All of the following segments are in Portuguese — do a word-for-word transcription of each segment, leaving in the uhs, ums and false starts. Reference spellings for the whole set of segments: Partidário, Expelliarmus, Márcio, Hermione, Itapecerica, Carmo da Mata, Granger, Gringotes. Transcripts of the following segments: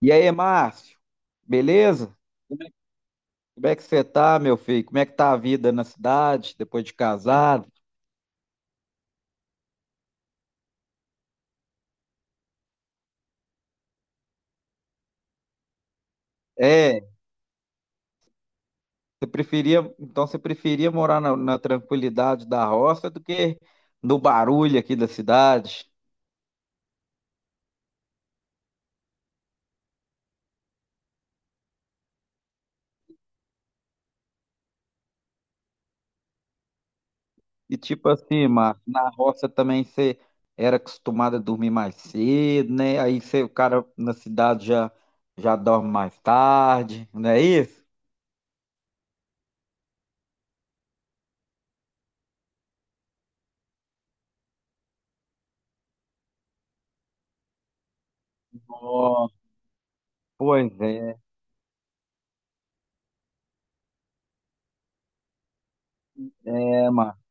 E aí, Márcio, beleza? Como é que você tá, meu filho? Como é que tá a vida na cidade depois de casado? É, você preferia, então você preferia morar na, na tranquilidade da roça do que no barulho aqui da cidade? E tipo assim, Márcio, na roça também você era acostumado a dormir mais cedo, né? Aí você, o cara na cidade já, já dorme mais tarde, não é isso? Ó, pois é, é, Márcio.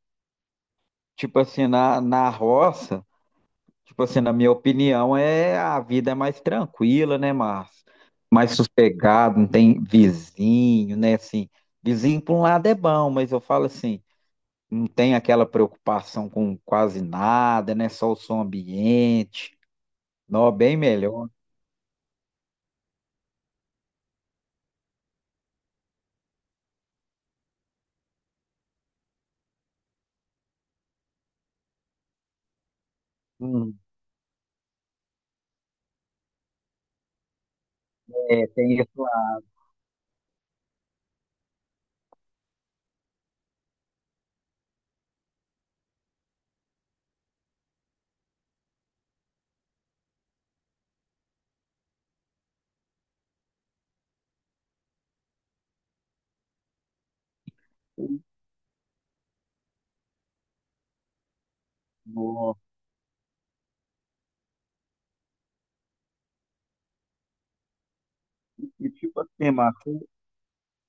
Tipo assim, na, na roça. Tipo assim, na minha opinião, é a vida é mais tranquila, né, Márcio? Mais sossegado, não tem vizinho, né? Assim, vizinho por um lado é bom, mas eu falo assim, não tem aquela preocupação com quase nada, né? Só o som ambiente. Não, bem melhor. Hum, é, tem isso lá. Não. E tipo assim, Márcio.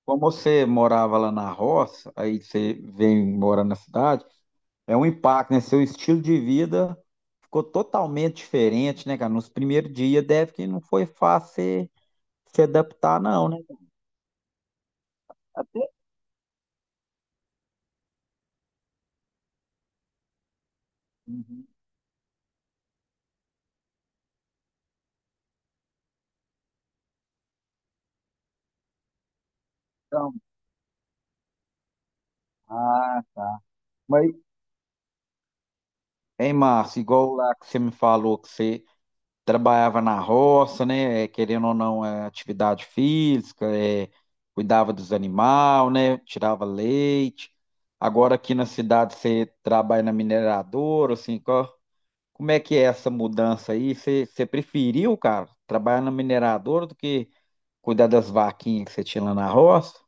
Como você morava lá na roça, aí você vem morar na cidade, é um impacto, né? Seu estilo de vida ficou totalmente diferente, né, cara? Nos primeiros dias deve que não foi fácil você se adaptar, não, né? Até... Uhum. Então, ah, tá. Mas, hein, Márcio, igual lá que você me falou que você trabalhava na roça, né? É, querendo ou não, é atividade física, é, cuidava dos animais, né? Tirava leite. Agora aqui na cidade você trabalha na mineradora, assim, qual- como é que é essa mudança aí? Você, você preferiu, cara, trabalhar na mineradora do que cuidar das vaquinhas que você tinha lá na roça?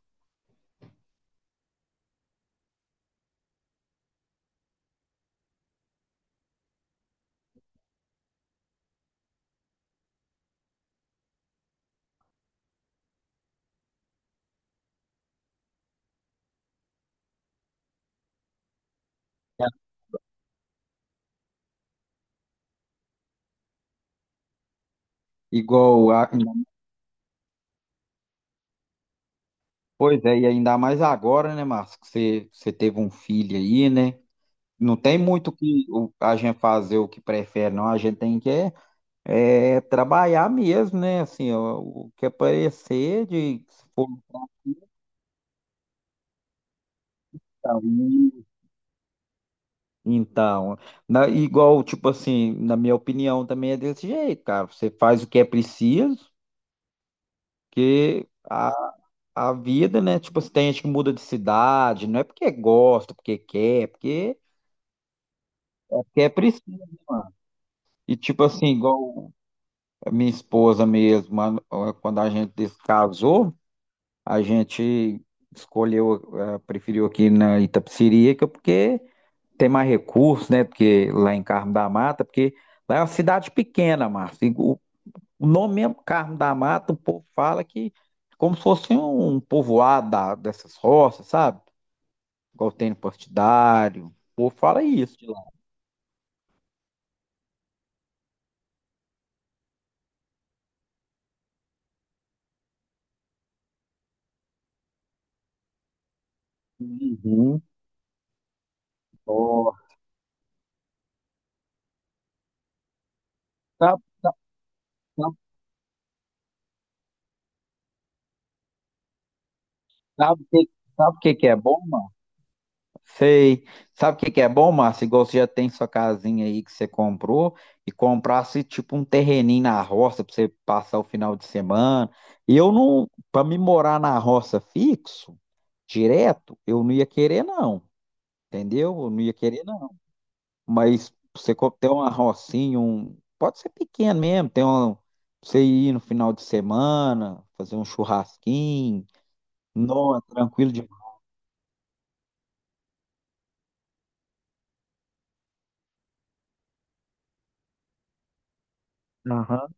Igual, a- Pois é, e ainda mais agora, né, Márcio, que você, você teve um filho aí, né? Não tem muito que o- a gente fazer o que prefere, não. A gente tem que é, é, trabalhar mesmo, né? Assim, ó, o que aparecer de se for pra um, então, na- igual, tipo assim, na minha opinião também é desse jeito, cara. Você faz o que é preciso, que a, a vida, né? Tipo, assim, tem gente que muda de cidade, não é porque gosta, porque quer, é porque é porque é preciso, né, mano. E tipo assim, igual a minha esposa mesmo, mano, quando a gente se casou, a gente escolheu, eh, preferiu aqui na Itapecerica, porque tem mais recursos, né? Porque lá em Carmo da Mata, porque lá é uma cidade pequena, Márcio. E O o nome mesmo, Carmo da Mata, o povo fala que é como se fosse um povoado da- dessas roças, sabe? Igual tem no Partidário. O povo fala isso de lá. Uhum. Ó, sabe, sabe, sabe, sabe o que, sabe o que que é bom. Sei. Sabe o que que é bom, Márcio? Igual você já tem sua casinha aí que você comprou e comprasse tipo um terreninho na roça para você passar o final de semana. E eu não, para me morar na roça fixo, direto, eu não ia querer não, entendeu? Eu não ia querer não. Mas você co- ter uma rocinha, um, pode ser pequeno mesmo, tem um, você ir no final de semana, fazer um churrasquinho, não, é tranquilo demais. Aham.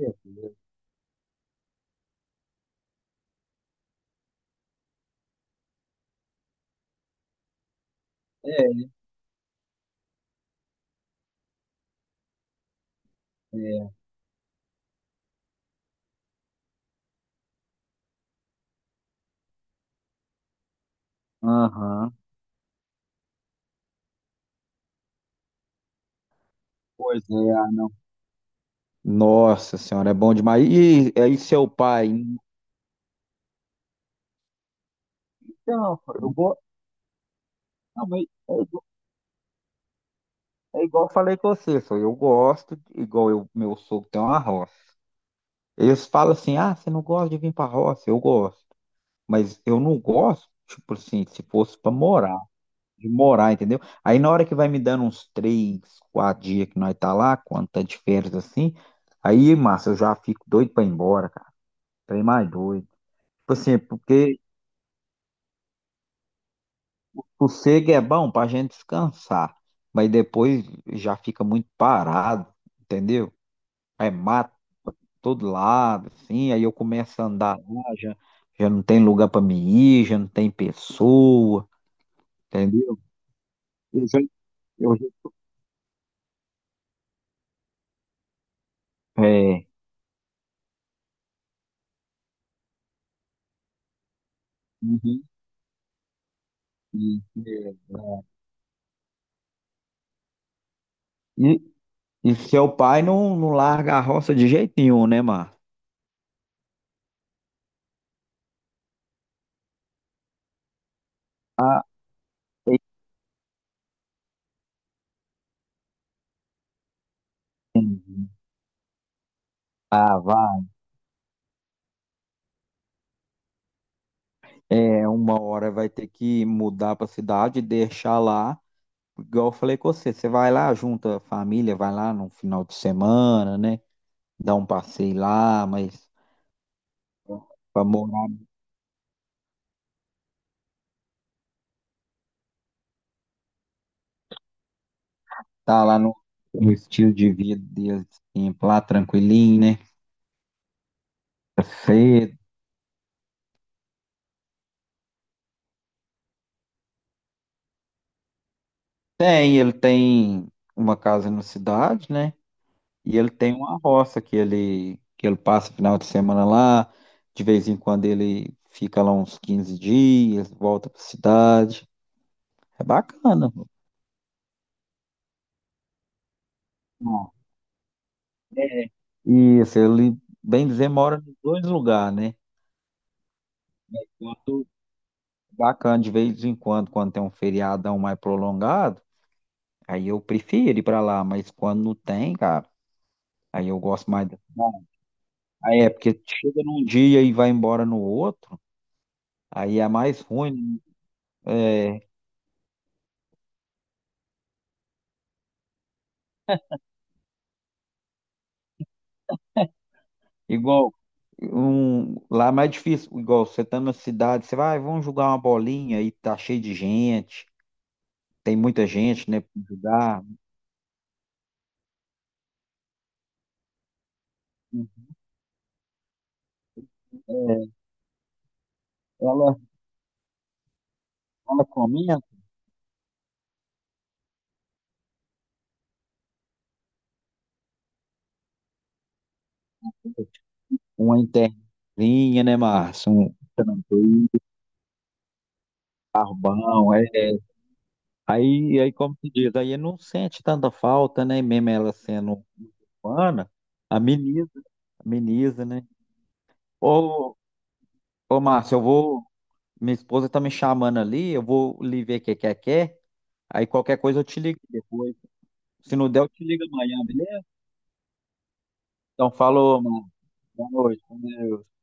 É, é, é. Aham. Pois é. Nossa senhora, é bom demais. E aí, seu pai? Então, pô, eu gosto. Não, mas é, igu- é igual eu falei com você, só eu gosto, de- igual eu, meu sogro tem uma roça. Eles falam assim: ah, você não gosta de vir pra roça? Eu gosto. Mas eu não gosto, tipo assim, se fosse pra morar, de morar, entendeu? Aí na hora que vai me dando uns três, quatro dias que nós tá lá, quando tá de férias assim, aí, massa, eu já fico doido pra ir embora, cara. Trem mais doido. Tipo assim, é porque sossego é bom pra gente descansar, mas depois já fica muito parado, entendeu? É mato todo lado, assim, aí eu começo a andar lá, já, já não tem lugar pra me ir, já não tem pessoa, entendeu? Eu já, eu já- É, uhum, e, e, e seu pai não, não larga a roça de jeito nenhum, né, Mar? Ah, entendi. Ah, vai. É, uma hora vai ter que mudar pra cidade e deixar lá. Igual eu falei com você, você vai lá, junta a família, vai lá no final de semana, né? Dá um passeio lá, mas pra morar, tá lá no, no estilo de vida dele, assim, lá tranquilinho, né? Tá cedo. Tem, ele tem uma casa na cidade, né? E ele tem uma roça que ele, que ele passa o final de semana lá, de vez em quando ele fica lá uns quinze dias, volta pra cidade. É bacana, mano. Isso, ele, bem dizer, mora nos dois lugares, né? Enquanto- Bacana, de vez em quando, quando tem um feriadão mais prolongado, aí eu prefiro ir pra lá, mas quando não tem, cara, aí eu gosto mais da cidade. Aí é porque chega num dia e vai embora no outro, aí é mais ruim, né? É, igual, um, lá é mais difícil, igual você tá numa cidade, você vai, "Ah, vamos jogar uma bolinha e tá cheio de gente, tem muita gente, né, pra jogar". É, ela, ela comenta uma interninha, né, Márcio? Um um barbão. É. Aí, aí, como se diz, aí não sente tanta falta, né? Mesmo ela sendo humana, ameniza, ameniza, né? Ô, ô, Márcio, eu vou. Minha esposa tá me chamando ali, eu vou lhe ver o que quer, quer. Aí qualquer coisa eu te ligo depois. Se não der, eu te ligo amanhã, beleza? Então, falou, mano. Boa noite, com Deus.